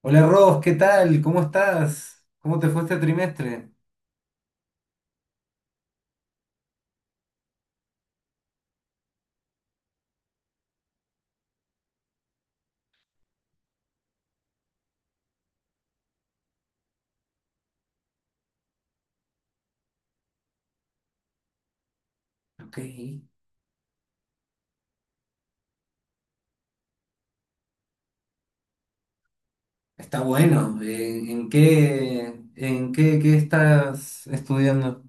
Hola Ross, ¿qué tal? ¿Cómo estás? ¿Cómo te fue este trimestre? Ok, está bueno. ¿En qué, qué estás estudiando?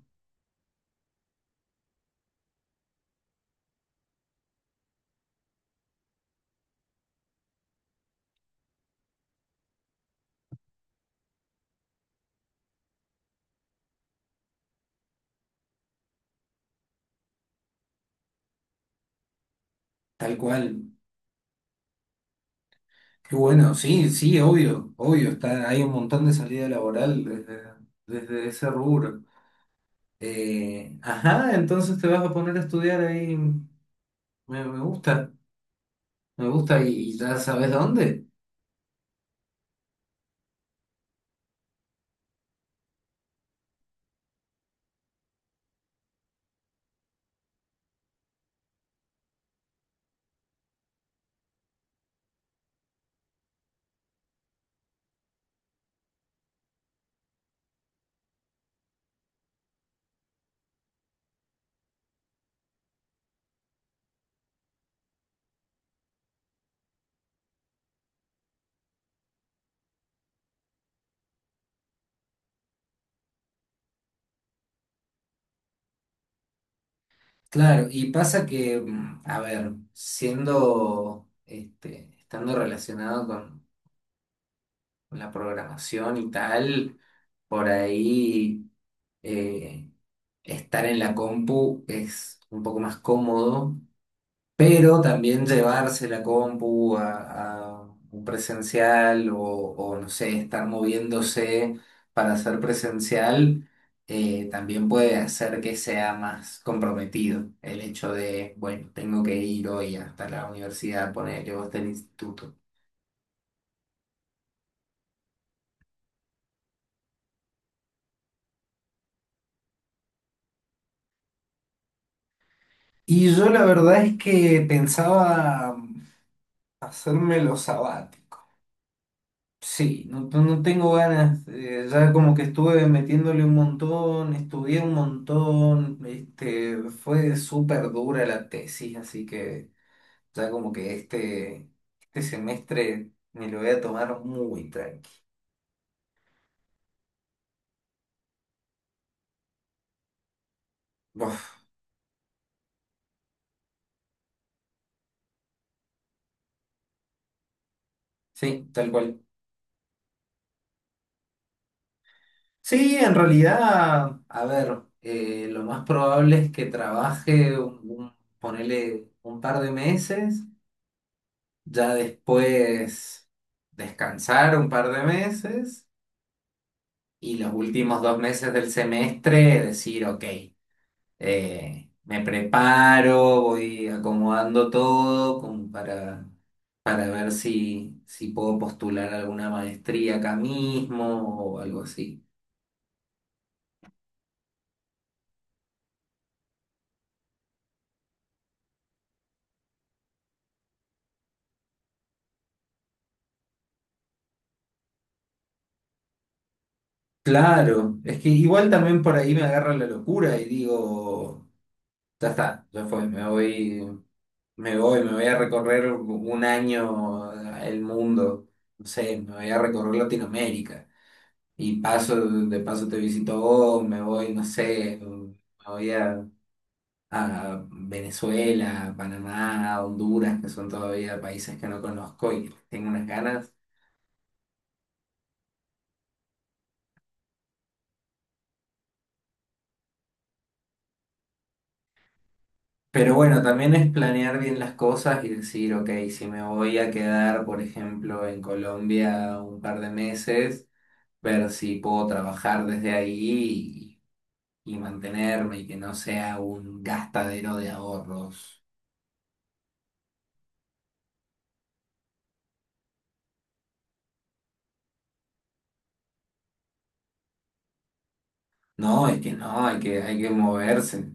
Tal cual. Qué bueno, sí, sí, obvio, obvio. Está, hay un montón de salida laboral desde, desde ese rubro. Ajá, entonces te vas a poner a estudiar ahí. Me, me gusta, me gusta y ya sabes dónde. Claro, y pasa que, mm, a ver, siendo, este, estando relacionado con la programación y tal, por ahí eh, estar en la compu es un poco más cómodo, pero también llevarse la compu a un presencial o, no sé, estar moviéndose para hacer presencial, también puede hacer que sea más comprometido el hecho de, bueno, tengo que ir hoy hasta la universidad, ponerle o hasta el instituto. Y yo la verdad es que pensaba hacerme los sabáticos. Sí, no, no tengo ganas, ya como que estuve metiéndole un montón, estudié un montón, este, fue súper dura la tesis, así que ya como que este semestre me lo voy a tomar muy tranqui. Uf, sí, tal cual. Sí, en realidad, a ver, lo más probable es que trabaje, ponele un par de meses, ya después descansar un par de meses. Y los últimos 2 meses del semestre decir, ok, me preparo, voy acomodando todo como para ver si, si puedo postular alguna maestría acá mismo o algo así. Claro, es que igual también por ahí me agarra la locura y digo, ya está, ya fue, me voy, me voy, me voy a recorrer 1 año el mundo, no sé, me voy a recorrer Latinoamérica. Y paso, de paso te visito vos, me voy, no sé, voy a, a Venezuela, Panamá, Honduras, que son todavía países que no conozco y que tengo unas ganas. Pero bueno, también es planear bien las cosas y decir, ok, si me voy a quedar, por ejemplo, en Colombia un par de meses, ver si puedo trabajar desde ahí y mantenerme y que no sea un gastadero de ahorros. No, es que no, hay que moverse.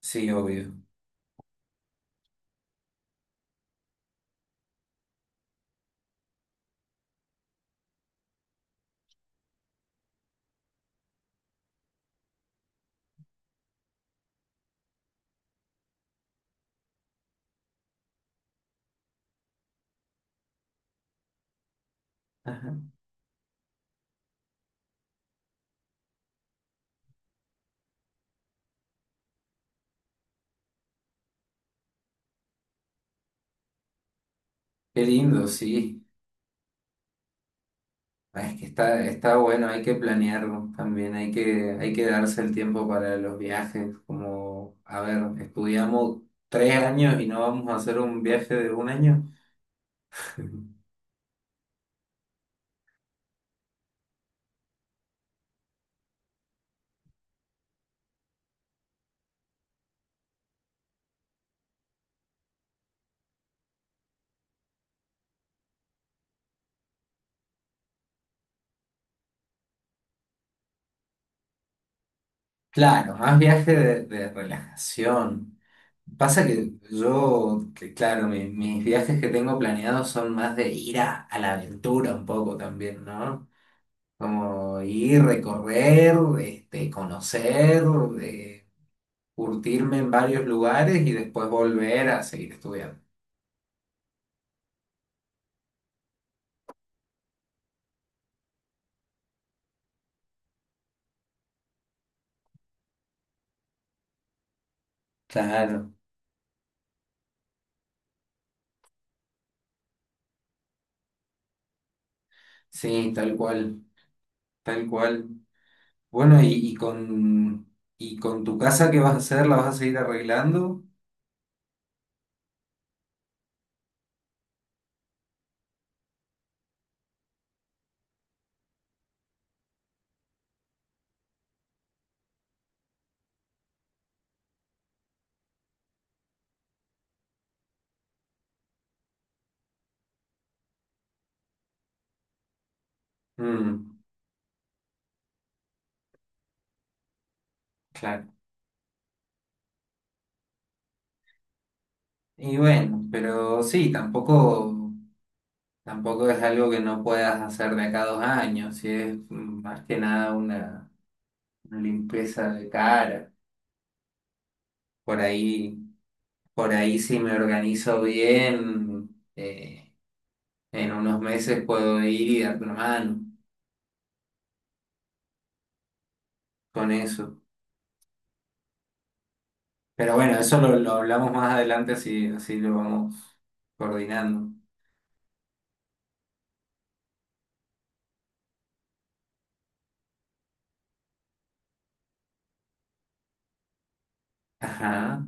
Sí, obvio. Ajá. Qué lindo, sí. Ah, es que está, está bueno, hay que planearlo también, hay que darse el tiempo para los viajes, como, a ver, estudiamos 3 años y no vamos a hacer un viaje de 1 año. Claro, más viaje de relajación. Pasa que yo, que claro, mis viajes que tengo planeados son más de ir a la aventura un poco también, ¿no? Como ir, recorrer, este, conocer, eh, curtirme en varios lugares y después volver a seguir estudiando. Claro. Sí, tal cual, tal cual. Bueno, y, y con tu casa, ¿qué vas a hacer? ¿La vas a seguir arreglando? Mm, claro. Y bueno, pero sí, tampoco, tampoco es algo que no puedas hacer de acá a 2 años, sí, es mm, más que nada una, una limpieza de cara. Por ahí, por ahí si me organizo bien. eh, En unos meses puedo ir y dar una mano con eso. Pero bueno, eso lo hablamos más adelante, así, así lo vamos coordinando. Ajá.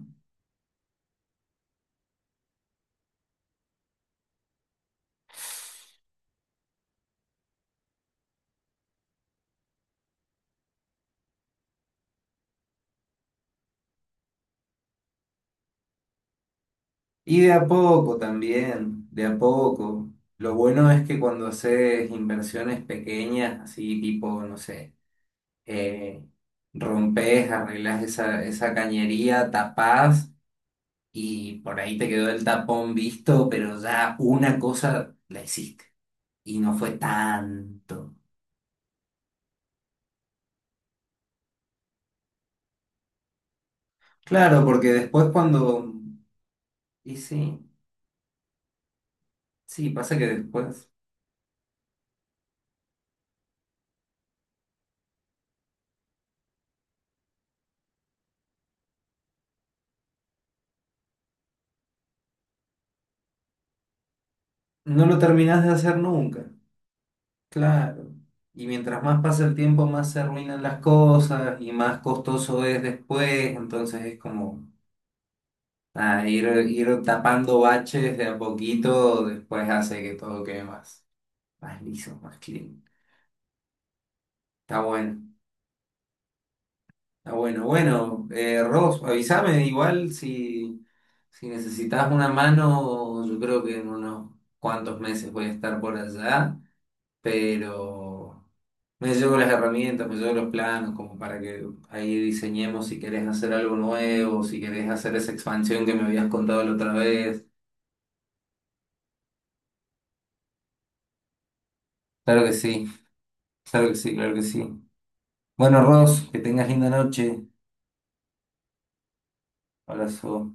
Y de a poco también, de a poco. Lo bueno es que cuando haces inversiones pequeñas, así tipo, no sé, eh, rompes, arreglas esa, esa cañería, tapás y por ahí te quedó el tapón visto, pero ya una cosa la hiciste y no fue tanto. Claro, porque después cuando... Y sí, sí, pasa que después no lo terminás de hacer nunca, claro. Y mientras más pasa el tiempo, más se arruinan las cosas y más costoso es después, entonces es como nada, ir, ir tapando baches de a poquito, después hace que todo quede más, más liso, más clean. Está bueno. Ah, bueno, bueno, Ross, avísame igual si, si necesitas una mano, yo creo que en unos cuantos meses voy a estar por allá, pero me llevo las herramientas, me llevo los planos, como para que ahí diseñemos si querés hacer algo nuevo, si querés hacer esa expansión que me habías contado la otra vez. Claro que sí, claro que sí, claro que sí. Bueno, Ross, que tengas linda noche. Abrazo.